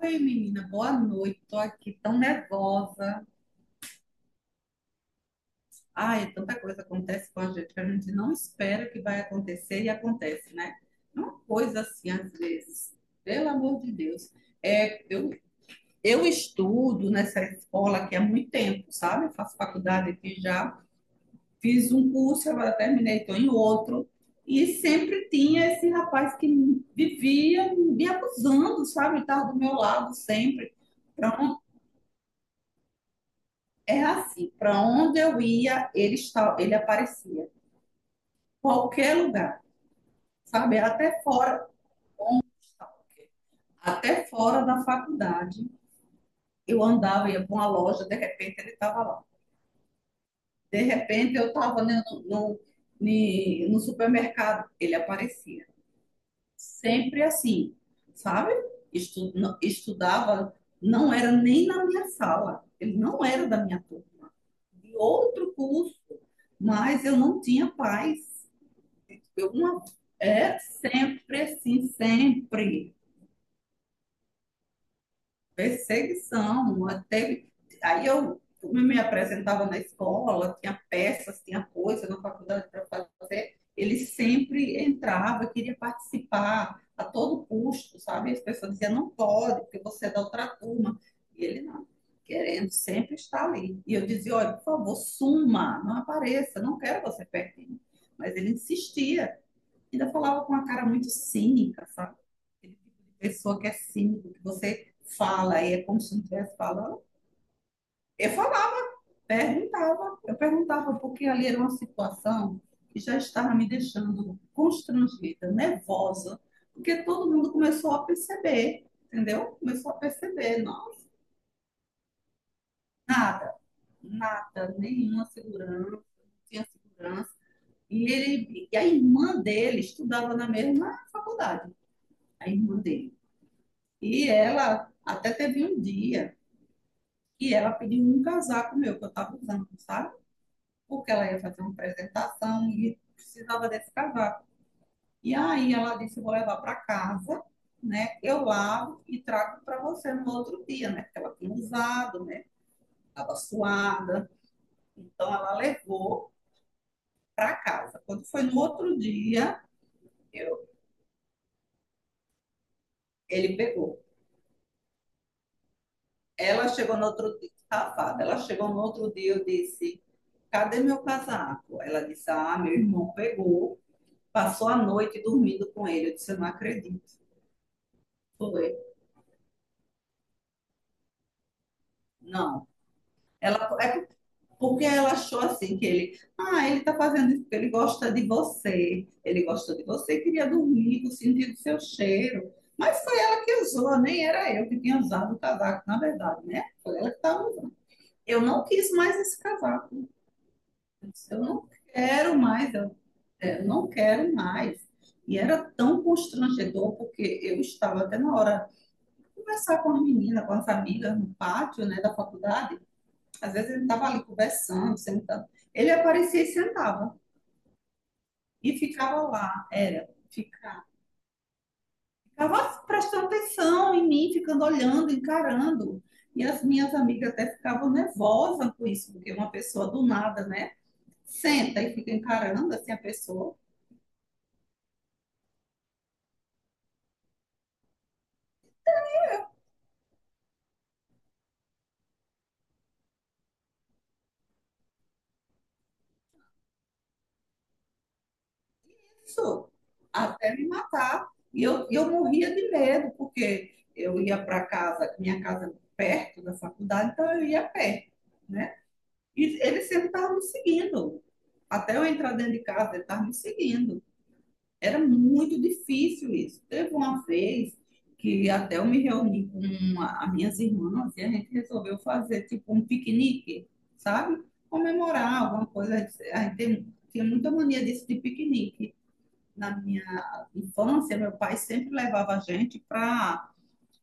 Oi, menina, boa noite. Tô aqui tão nervosa. Ai, tanta coisa acontece com a gente que a gente não espera que vai acontecer e acontece, né? É uma coisa assim, às vezes. Pelo amor de Deus. É, eu, eu estudo nessa escola aqui há muito tempo, sabe? Eu faço faculdade aqui já. Fiz um curso, agora terminei, estou em outro. E sempre tinha esse rapaz que vivia me abusando, sabe? Estava do meu lado sempre. Pronto. É assim, para onde eu ia, ele aparecia. Qualquer lugar, sabe? até fora da faculdade, eu andava, ia para uma loja, de repente ele estava lá. De repente eu estava no, no supermercado, ele aparecia. Sempre assim, sabe? Estu- estudava, não era nem na minha sala, ele não era da minha turma, de outro curso, mas eu não tinha paz. Eu, uma, é sempre assim, sempre. Perseguição. Até aí eu me apresentava na escola, tinha peças, tinha coisa na faculdade para fazer. Ele sempre entrava, queria participar a todo custo, sabe? As pessoas diziam, não pode, porque você é da outra turma. E ele não, querendo sempre estar ali. E eu dizia, olha, por favor, suma, não apareça, não quero você pertinho. Mas ele insistia. Ainda falava com uma cara muito cínica, sabe? Aquele tipo de pessoa que é cínico, que você fala e é como se não estivesse falando. Eu falava, perguntava, porque ali era uma situação que já estava me deixando constrangida, nervosa, porque todo mundo começou a perceber, entendeu? Começou a perceber, não, nada, nada, nenhuma segurança, não tinha segurança. E a irmã dele estudava na mesma faculdade, a irmã dele. E ela até teve um dia que ela pediu um casaco meu que eu estava usando, sabe? Porque ela ia fazer uma apresentação e precisava desse casaco. E aí ela disse: vou levar para casa, né? Eu lavo e trago para você no outro dia, né? Porque ela tinha usado, né? Estava suada. Então ela levou para casa. Quando foi no outro dia, eu, ele pegou. Ela chegou no outro dia, safada. Ela chegou no outro dia, eu disse: Cadê meu casaco? Ela disse: Ah, meu irmão pegou, passou a noite dormindo com ele. Eu disse: Eu não acredito. Foi. Não. Ela, é porque ela achou assim que ele tá fazendo isso porque ele gosta de você. Ele gosta de você, queria dormir, com sentindo seu cheiro. Mas foi ela que usou, nem era eu que tinha usado o casaco, na verdade, né? Foi ela que estava usando. Eu não quis mais esse casaco. Eu não quero mais. Não quero mais. E era tão constrangedor, porque eu estava até na hora de conversar com as meninas, com as amigas no pátio, né, da faculdade. Às vezes ele estava ali conversando, sentado. Ele aparecia e sentava e ficava lá, era ficar. Ficava prestando atenção em mim, ficando olhando, encarando. E as minhas amigas até ficavam nervosas com isso, porque uma pessoa do nada, né, senta e fica encarando assim a pessoa. Isso, até me matar. E eu morria de medo, porque eu ia para casa, minha casa é perto da faculdade, então eu ia a pé, né? E ele sempre estava me seguindo. Até eu entrar dentro de casa, ele estava me seguindo. Era muito difícil isso. Teve uma vez que até eu me reuni com as minhas irmãs e a gente resolveu fazer tipo um piquenique, sabe? Comemorar alguma coisa. A gente tinha muita mania disso de piquenique na minha infância, meu pai sempre levava a gente para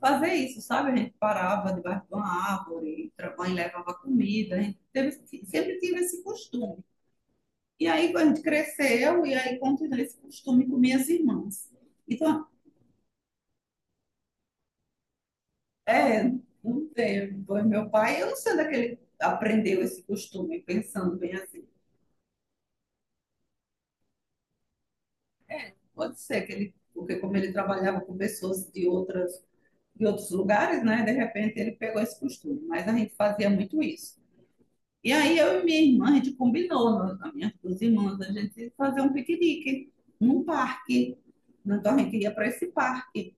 fazer isso, sabe? A gente parava debaixo de uma árvore, a mãe levava comida, sempre tive esse costume. E aí a gente cresceu e aí continuei esse costume com minhas irmãs. Então, é, não teve. Foi Meu pai, eu não sei onde é que ele aprendeu esse costume, pensando bem assim. Pode ser que ele, porque como ele trabalhava com pessoas de outras em outros lugares, né? De repente ele pegou esse costume, mas a gente fazia muito isso. E aí eu e minha irmã, a gente combinou, as minhas duas irmãs, a gente fazer um piquenique num parque. Né, então a gente ia para esse parque.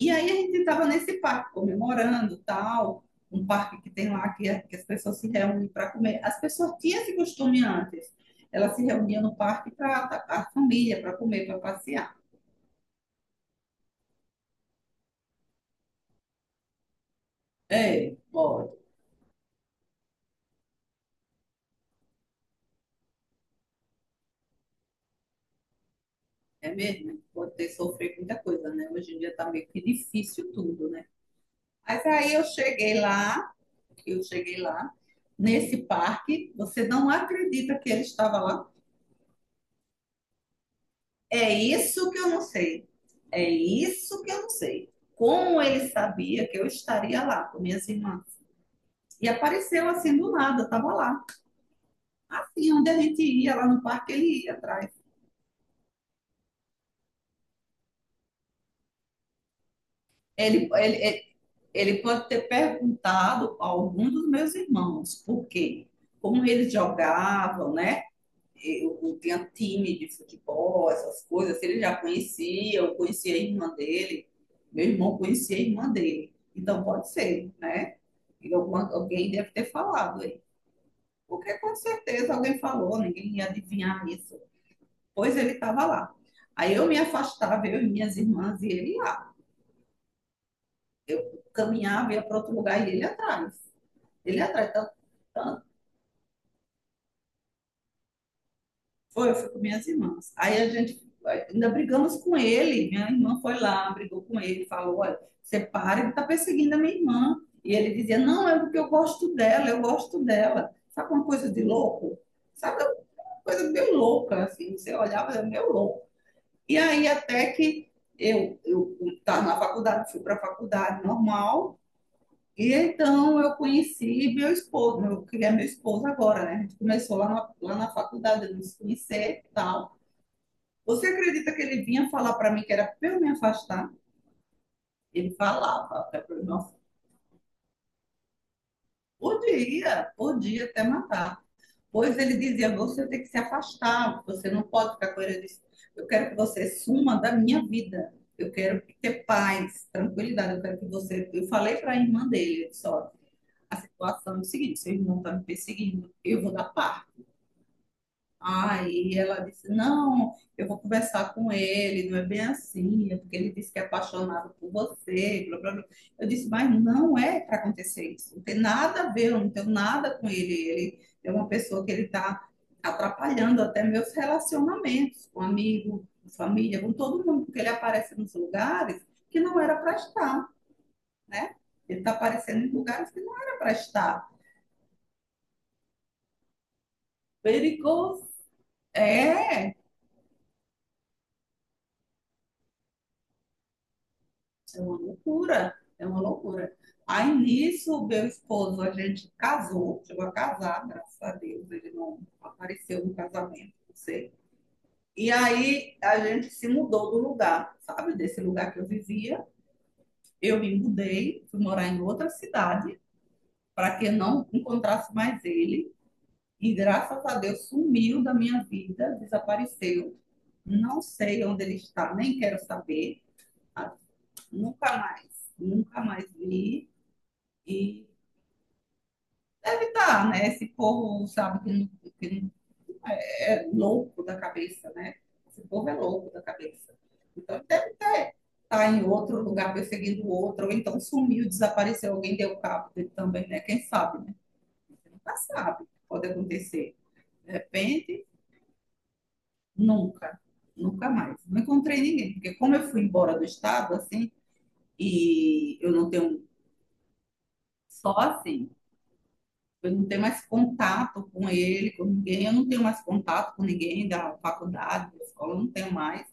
E aí a gente estava nesse parque comemorando, tal, um parque que tem lá que as pessoas se reúnem para comer. As pessoas tinham esse costume antes. Elas se reuniam no parque para a família, para comer, para passear. É, ó, é mesmo? Pode ter sofrido muita coisa, né? Hoje em dia tá meio que difícil tudo, né? Mas aí eu cheguei lá, eu cheguei lá, nesse parque, você não acredita que ele estava lá? É isso que eu não sei. É isso que eu não sei. Como ele sabia que eu estaria lá com minhas irmãs? E apareceu assim do nada, estava lá. Assim, onde a gente ia lá no parque, ele ia atrás. Ele, ele, ele- Ele pode ter perguntado a algum dos meus irmãos por quê, como eles jogavam, né? Eu tinha time de futebol, essas coisas. Ele já conhecia, eu conhecia a irmã dele, meu irmão conhecia a irmã dele. Então pode ser, né? E alguém deve ter falado aí. Porque com certeza alguém falou, ninguém ia adivinhar isso. Pois ele estava lá. Aí eu me afastava, eu e minhas irmãs, e ele lá. Eu caminhava, ia para outro lugar e ele atrás. Ele atrai tanto, tanto. Foi, eu fui com minhas irmãs. Aí a gente ainda brigamos com ele. Minha irmã foi lá, brigou com ele, falou: olha, você para, ele tá perseguindo a minha irmã. E ele dizia: não, é porque eu gosto dela, eu gosto dela. Sabe uma coisa de louco? Sabe uma coisa meio louca, assim, você olhava, era meio louco. E aí até que eu estava na faculdade, fui para a faculdade normal. E então eu conheci meu esposo, eu queria meu esposo agora, né? A gente começou lá na faculdade, a gente conhecer e tal. Você acredita que ele vinha falar para mim que era para eu me afastar? Ele falava, até para mim, nossa, podia, podia até matar. Pois ele dizia, você tem que se afastar, você não pode ficar com ele. Eu disse, eu quero que você suma da minha vida. Eu quero ter paz, tranquilidade. Eu quero que você. Eu falei para a irmã dele, só a situação é o seguinte: seu irmão está me perseguindo, eu vou dar paz. Aí ela disse: Não, eu vou conversar com ele, não é bem assim, é porque ele disse que é apaixonado por você. Blá, blá, blá. Eu disse: Mas não é para acontecer isso, não tem nada a ver, eu não tenho nada com ele. Ele é uma pessoa que ele está atrapalhando até meus relacionamentos com amigo, com família, com todo mundo, porque ele aparece nos lugares que não era para estar, né? Ele está aparecendo em lugares que não era para estar. Perigoso. É, É uma loucura, é uma loucura. Aí nisso, meu esposo, a gente casou, chegou a casar, graças a Deus, ele não apareceu no casamento, não sei. E aí a gente se mudou do lugar, sabe? Desse lugar que eu vivia. Eu me mudei, fui morar em outra cidade, para que eu não encontrasse mais ele. E graças a Deus sumiu da minha vida, desapareceu. Não sei onde ele está, nem quero saber. Nunca mais, nunca mais vi. E deve estar, né? Esse povo, sabe, que não- é louco da cabeça, né? Esse povo é louco da cabeça. Então, deve ter, tá em outro lugar perseguindo outro, ou então sumiu, desapareceu, alguém deu cabo dele também, né? Quem sabe, né? Você nunca sabe o que pode acontecer. De repente, nunca, nunca mais. Não encontrei ninguém, porque como eu fui embora do estado, assim, e eu não tenho só assim. Eu não tenho mais contato com ele, com ninguém. Eu não tenho mais contato com ninguém da faculdade, da escola, eu não tenho mais.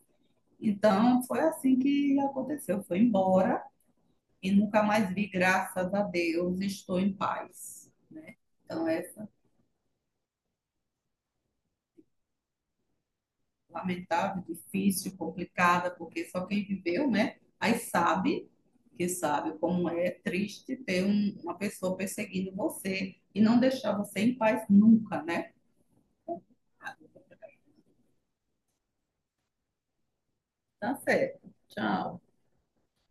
Então, foi assim que aconteceu. Foi embora e nunca mais vi, graças a Deus, estou em paz, né? Então, essa lamentável, difícil, complicada, porque só quem viveu, né? Aí sabe, que sabe como é triste ter uma pessoa perseguindo você e não deixar você em paz nunca, né? Tá certo. Tchau.